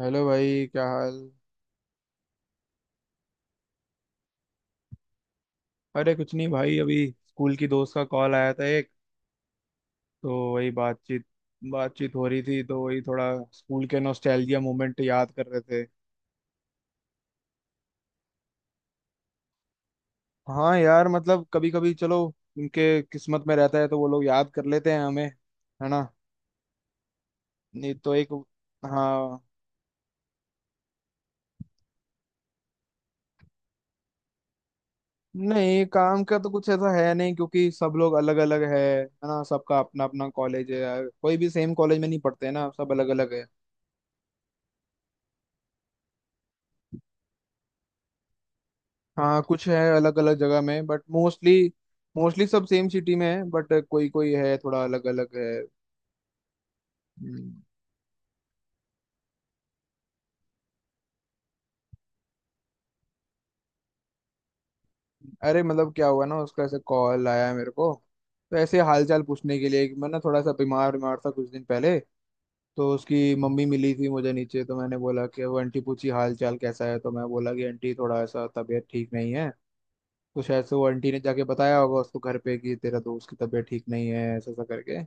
Hello भाई, क्या हाल। अरे कुछ नहीं भाई, अभी स्कूल की दोस्त का कॉल आया था एक, तो वही बातचीत। बातचीत हो रही थी तो वही थोड़ा स्कूल के नॉस्टैल्जिया मोमेंट याद कर रहे थे। हाँ यार, मतलब कभी कभी चलो उनके किस्मत में रहता है तो वो लोग याद कर लेते हैं हमें, है ना। नहीं तो एक। हाँ। नहीं, काम का तो कुछ ऐसा है नहीं क्योंकि सब लोग अलग अलग है ना, सबका अपना अपना कॉलेज है, कोई भी सेम कॉलेज में नहीं पढ़ते ना, सब अलग अलग है। हाँ कुछ है अलग अलग जगह में बट मोस्टली। मोस्टली सब सेम सिटी में है बट कोई कोई है थोड़ा अलग अलग है। हम्म, अरे मतलब क्या हुआ ना, उसका ऐसे कॉल आया मेरे को तो ऐसे हालचाल पूछने के लिए कि मैं ना थोड़ा सा बीमार बीमार था कुछ दिन पहले। तो उसकी मम्मी मिली थी मुझे नीचे तो मैंने बोला कि वो आंटी पूछी हाल चाल कैसा है तो मैं बोला कि आंटी थोड़ा ऐसा तबीयत ठीक नहीं है। तो शायद से वो आंटी ने जाके बताया होगा उसको घर पे कि तेरा दोस्त की तबीयत ठीक नहीं है, ऐसा ऐसा करके।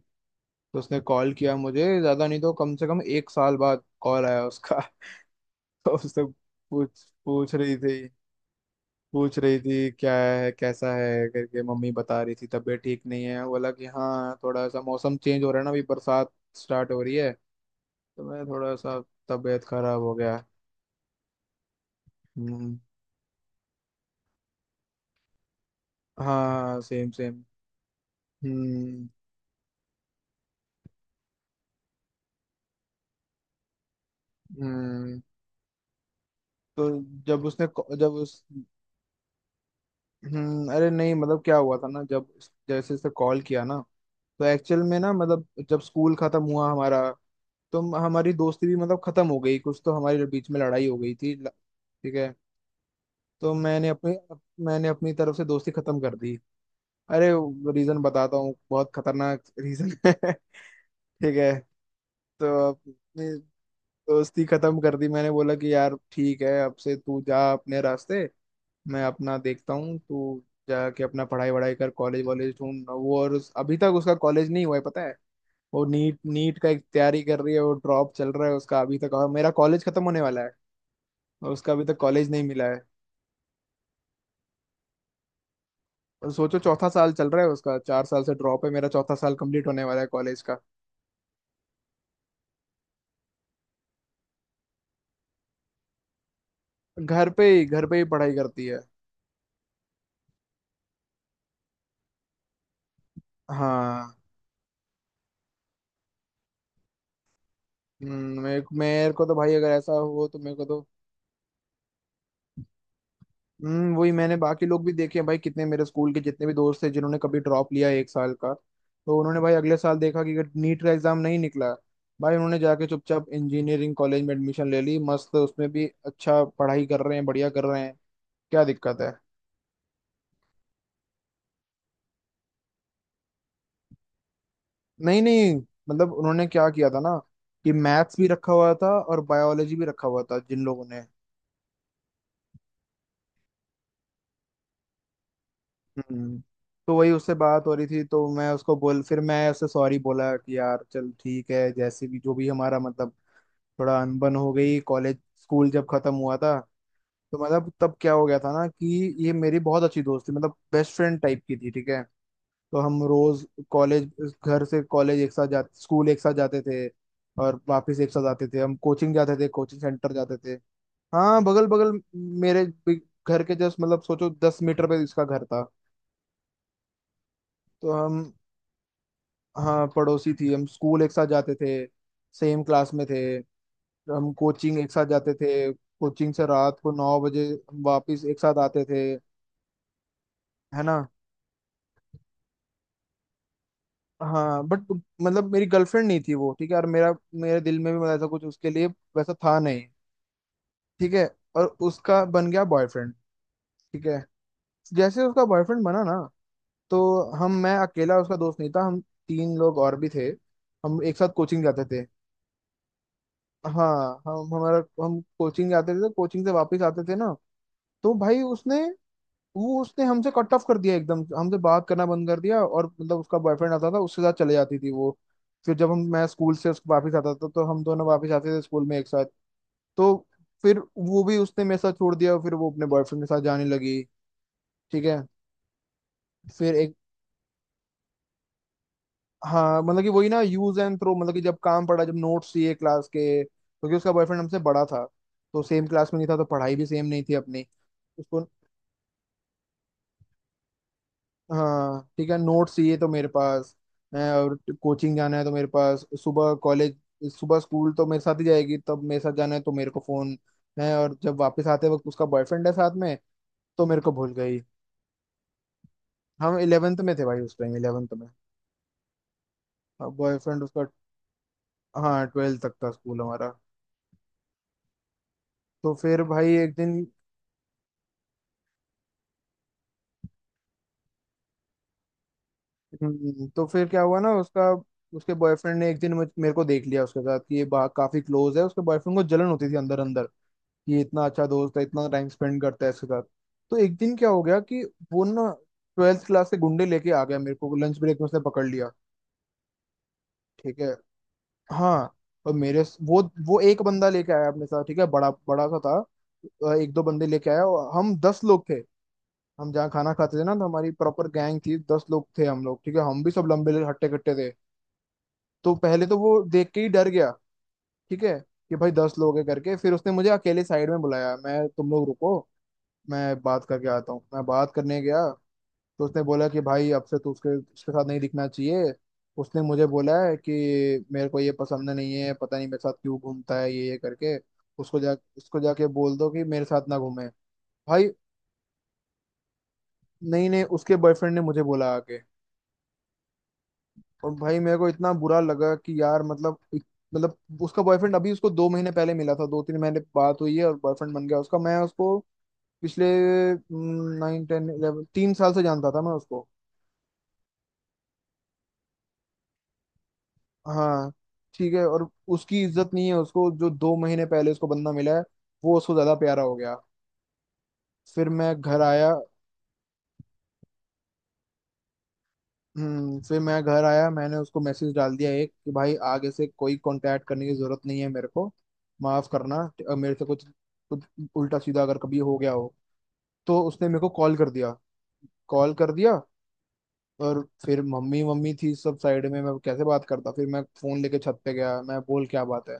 तो उसने कॉल किया मुझे, ज्यादा नहीं तो कम से कम एक साल बाद कॉल आया उसका तो उससे पूछ पूछ रही थी। पूछ रही थी क्या है कैसा है करके, मम्मी बता रही थी तबीयत ठीक नहीं है। वो बोला कि हाँ थोड़ा सा मौसम चेंज हो रहा है ना, अभी बरसात स्टार्ट हो रही है, तो मैं थोड़ा सा तबीयत खराब हो गया। हम्म। हाँ सेम सेम। हम्म हम्म। तो जब उसने जब उस अरे नहीं, मतलब क्या हुआ था ना जब। जैसे इसने कॉल किया ना, तो एक्चुअल में ना मतलब जब स्कूल खत्म हुआ हमारा, तो हमारी दोस्ती भी मतलब खत्म हो गई, कुछ तो हमारे बीच में लड़ाई हो गई थी ठीक है। तो मैंने अपनी तरफ से दोस्ती खत्म कर दी। अरे, रीजन बताता हूँ, बहुत खतरनाक रीजन है। ठीक है। तो अपनी दोस्ती खत्म कर दी, मैंने बोला कि यार ठीक है, अब से तू जा अपने रास्ते, मैं अपना देखता हूँ, तू जाके अपना पढ़ाई वढ़ाई कर, कॉलेज वॉलेज ढूंढ वो अभी तक उसका कॉलेज नहीं हुआ है, पता है। वो नीट नीट का एक तैयारी कर रही है, वो ड्रॉप चल रहा है उसका अभी तक और मेरा कॉलेज खत्म होने वाला है। और उसका अभी तक कॉलेज नहीं मिला है। और सोचो चौथा साल चल रहा है उसका, 4 साल से ड्रॉप है, मेरा चौथा साल कंप्लीट होने वाला है कॉलेज का। घर पे ही पढ़ाई करती है। हाँ। मेरे मेरे को तो भाई अगर ऐसा हो तो मेरे को तो। वही, मैंने बाकी लोग भी देखे हैं भाई, कितने मेरे स्कूल के जितने भी दोस्त थे जिन्होंने कभी ड्रॉप लिया एक साल का तो उन्होंने भाई अगले साल देखा कि अगर नीट का एग्जाम नहीं निकला, भाई उन्होंने जाके चुपचाप इंजीनियरिंग कॉलेज में एडमिशन ले ली, मस्त उसमें भी अच्छा पढ़ाई कर रहे हैं, बढ़िया कर रहे हैं। क्या दिक्कत है। नहीं नहीं, मतलब उन्होंने क्या किया था ना कि मैथ्स भी रखा हुआ था और बायोलॉजी भी रखा हुआ था, जिन लोगों ने। हम्म तो वही उससे बात हो रही थी, तो मैं उसको बोल, फिर मैं उससे सॉरी बोला कि यार चल ठीक है, जैसे भी जो भी हमारा मतलब थोड़ा अनबन हो गई, कॉलेज स्कूल जब खत्म हुआ था, तो मतलब तब क्या हो गया था ना कि ये मेरी बहुत अच्छी दोस्त थी, मतलब बेस्ट फ्रेंड टाइप की थी, ठीक है। तो हम रोज कॉलेज, घर से कॉलेज एक साथ जाते, स्कूल एक साथ जाते थे और वापस एक साथ आते थे, हम कोचिंग जाते थे, कोचिंग सेंटर जाते थे। हाँ बगल बगल। मेरे भी- घर के जस्ट मतलब सोचो 10 मीटर पे इसका घर था। तो हम। हाँ पड़ोसी थी, हम स्कूल एक साथ जाते थे, सेम क्लास में थे, हम कोचिंग एक साथ जाते थे, कोचिंग से रात को 9 बजे हम वापस एक साथ आते थे, है ना। हाँ बट मतलब मेरी गर्लफ्रेंड नहीं थी वो, ठीक है, और मेरा मेरे दिल में भी मतलब ऐसा कुछ उसके लिए वैसा था नहीं, ठीक है। और उसका बन गया बॉयफ्रेंड, ठीक है। जैसे उसका बॉयफ्रेंड बना ना, तो हम मैं अकेला उसका दोस्त नहीं था, हम तीन लोग और भी थे, हम एक साथ कोचिंग जाते थे। हाँ। हम हमारा हम कोचिंग जाते थे तो कोचिंग से वापस आते थे ना, तो भाई उसने, वो उसने हमसे कट ऑफ कर दिया एकदम, हमसे बात करना बंद कर दिया और मतलब उसका बॉयफ्रेंड आता था, उसके साथ चले जाती थी वो। फिर जब हम मैं स्कूल से उसको वापस आता था तो हम दोनों वापस आते थे स्कूल में एक साथ, तो फिर वो भी उसने मेरे साथ छोड़ दिया, फिर वो अपने बॉयफ्रेंड के साथ जाने लगी, ठीक है। फिर एक। हाँ मतलब कि वही ना यूज एंड थ्रो, मतलब कि जब काम पड़ा, जब नोट्स चाहिए क्लास के, क्योंकि उसका बॉयफ्रेंड हमसे बड़ा था, तो सेम क्लास में नहीं था तो पढ़ाई भी सेम नहीं थी अपनी। उसको। हाँ ठीक है, नोट्स ये तो मेरे पास है और कोचिंग जाना है तो मेरे पास, सुबह कॉलेज, सुबह स्कूल तो मेरे साथ ही जाएगी तब मेरे साथ जाना है तो मेरे को फोन, है और जब वापस आते वक्त उसका बॉयफ्रेंड है साथ में तो मेरे को भूल गई। हम 11th में थे भाई, उस टाइम 11th में, बॉयफ्रेंड उसका। हाँ 12th तक था स्कूल हमारा। तो फिर भाई एक दिन। तो फिर क्या हुआ ना उसका, उसके बॉयफ्रेंड ने एक दिन मेरे को देख लिया उसके साथ कि काफी क्लोज है, उसके बॉयफ्रेंड को जलन होती थी अंदर अंदर, ये इतना अच्छा दोस्त है, इतना टाइम स्पेंड करता है इसके साथ। तो एक दिन क्या हो गया कि वो ना 12th क्लास के गुंडे लेके आ गया, मेरे को लंच ब्रेक में उसने पकड़ लिया, ठीक है। हाँ, और मेरे वो एक बंदा लेके आया अपने साथ, ठीक है, बड़ा बड़ा सा था, एक दो बंदे लेके आया और हम 10 लोग थे। हम जहाँ खाना खाते थे ना तो हमारी प्रॉपर गैंग थी, 10 लोग थे हम लोग, ठीक है, हम भी सब लंबे हट्टे कट्टे थे, तो पहले तो वो देख के ही डर गया, ठीक है, कि भाई 10 लोग है करके। फिर उसने मुझे अकेले साइड में बुलाया, मैं तुम लोग रुको, मैं बात करके आता हूँ, मैं बात करने गया, तो उसने बोला कि भाई अब से तू उसके उसके साथ नहीं दिखना चाहिए, उसने मुझे बोला है कि मेरे को ये पसंद नहीं है, पता नहीं मेरे साथ क्यों घूमता है ये करके, उसको जाके बोल दो कि मेरे साथ ना घूमे, भाई। नहीं नहीं, उसके बॉयफ्रेंड ने मुझे बोला आके, और भाई मेरे को इतना बुरा लगा कि यार मतलब मतलब उसका बॉयफ्रेंड अभी उसको 2 महीने पहले मिला था, 2-3 महीने बात हुई है और बॉयफ्रेंड बन गया उसका, मैं उसको पिछले 9, 10, 11 3 साल से जानता था मैं उसको। हाँ ठीक है, और उसकी इज्जत नहीं है, उसको जो 2 महीने पहले उसको बंदा मिला है वो उसको ज्यादा प्यारा हो गया। फिर मैं घर आया। फिर मैं घर आया, मैंने उसको मैसेज डाल दिया एक कि भाई आगे से कोई कांटेक्ट करने की जरूरत नहीं है, मेरे को माफ करना, मेरे से कुछ कुछ उल्टा सीधा अगर कभी हो गया हो, तो उसने मेरे को कॉल कर दिया, कॉल कर दिया। और फिर मम्मी मम्मी थी सब साइड में, मैं कैसे बात करता, फिर मैं फोन लेके छत पे गया, मैं बोल क्या बात है,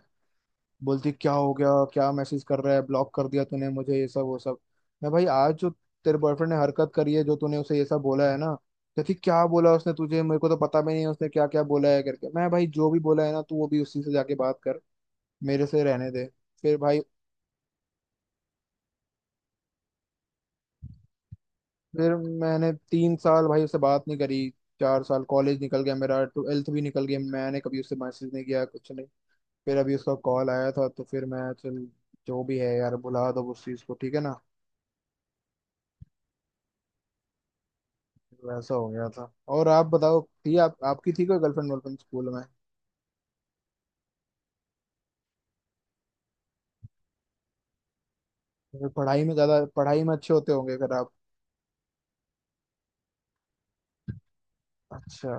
बोलती क्या हो गया, क्या मैसेज कर रहा है, ब्लॉक कर दिया तूने मुझे, ये सब वो सब। मैं भाई आज जो तेरे बॉयफ्रेंड ने हरकत करी है, जो तूने उसे ये सब बोला है ना, कहती क्या बोला उसने तुझे, मेरे को तो पता भी नहीं है उसने क्या क्या बोला है करके, मैं भाई जो भी बोला है ना तू वो भी उसी से जाके बात कर, मेरे से रहने दे। फिर भाई फिर मैंने 3 साल भाई उससे बात नहीं करी, 4 साल कॉलेज निकल गया मेरा, 12th भी निकल गया, मैंने कभी उससे मैसेज नहीं किया कुछ नहीं। फिर अभी उसका कॉल आया था तो फिर मैं चल, जो भी है यार भुला दो उस चीज़ को, ठीक है ना, वैसा हो गया था। और आप बताओ, थी आप आपकी थी कोई गर्लफ्रेंड वर्लफ्रेंड स्कूल में, अगर पढ़ाई में ज्यादा, पढ़ाई में अच्छे होते होंगे अगर आप। अच्छा।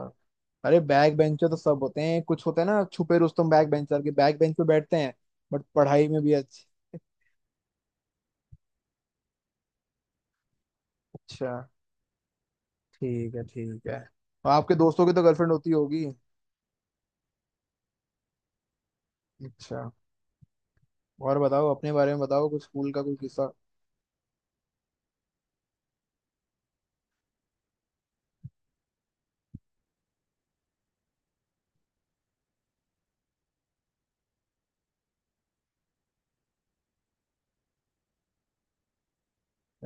अरे बैक बेंचर तो सब होते हैं, कुछ होते हैं ना छुपे रुस्तम, बैक बेंचर के बैक बेंच पे बैठते हैं, बट पढ़ाई में भी अच्छे। अच्छा ठीक है, ठीक है। और आपके दोस्तों की तो गर्लफ्रेंड होती होगी। अच्छा। और बताओ, अपने बारे में बताओ कुछ स्कूल का कोई किस्सा।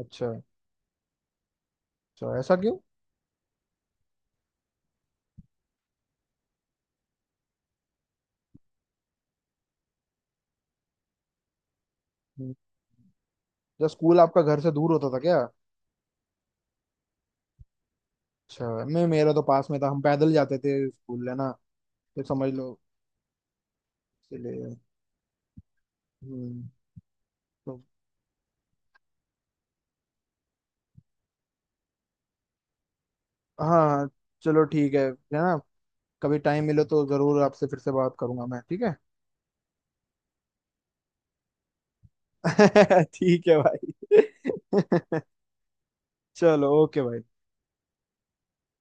अच्छा अच्छा, ऐसा क्यों। हम्म, जब स्कूल आपका घर से दूर होता था क्या। अच्छा, मैं मेरा तो पास में था, हम पैदल जाते थे स्कूल है ना, तो समझ लो, इसलिए। हम्म। तो। हाँ चलो ठीक है ना, कभी टाइम मिले तो जरूर आपसे फिर से बात करूंगा मैं, ठीक है ठीक है भाई चलो ओके भाई।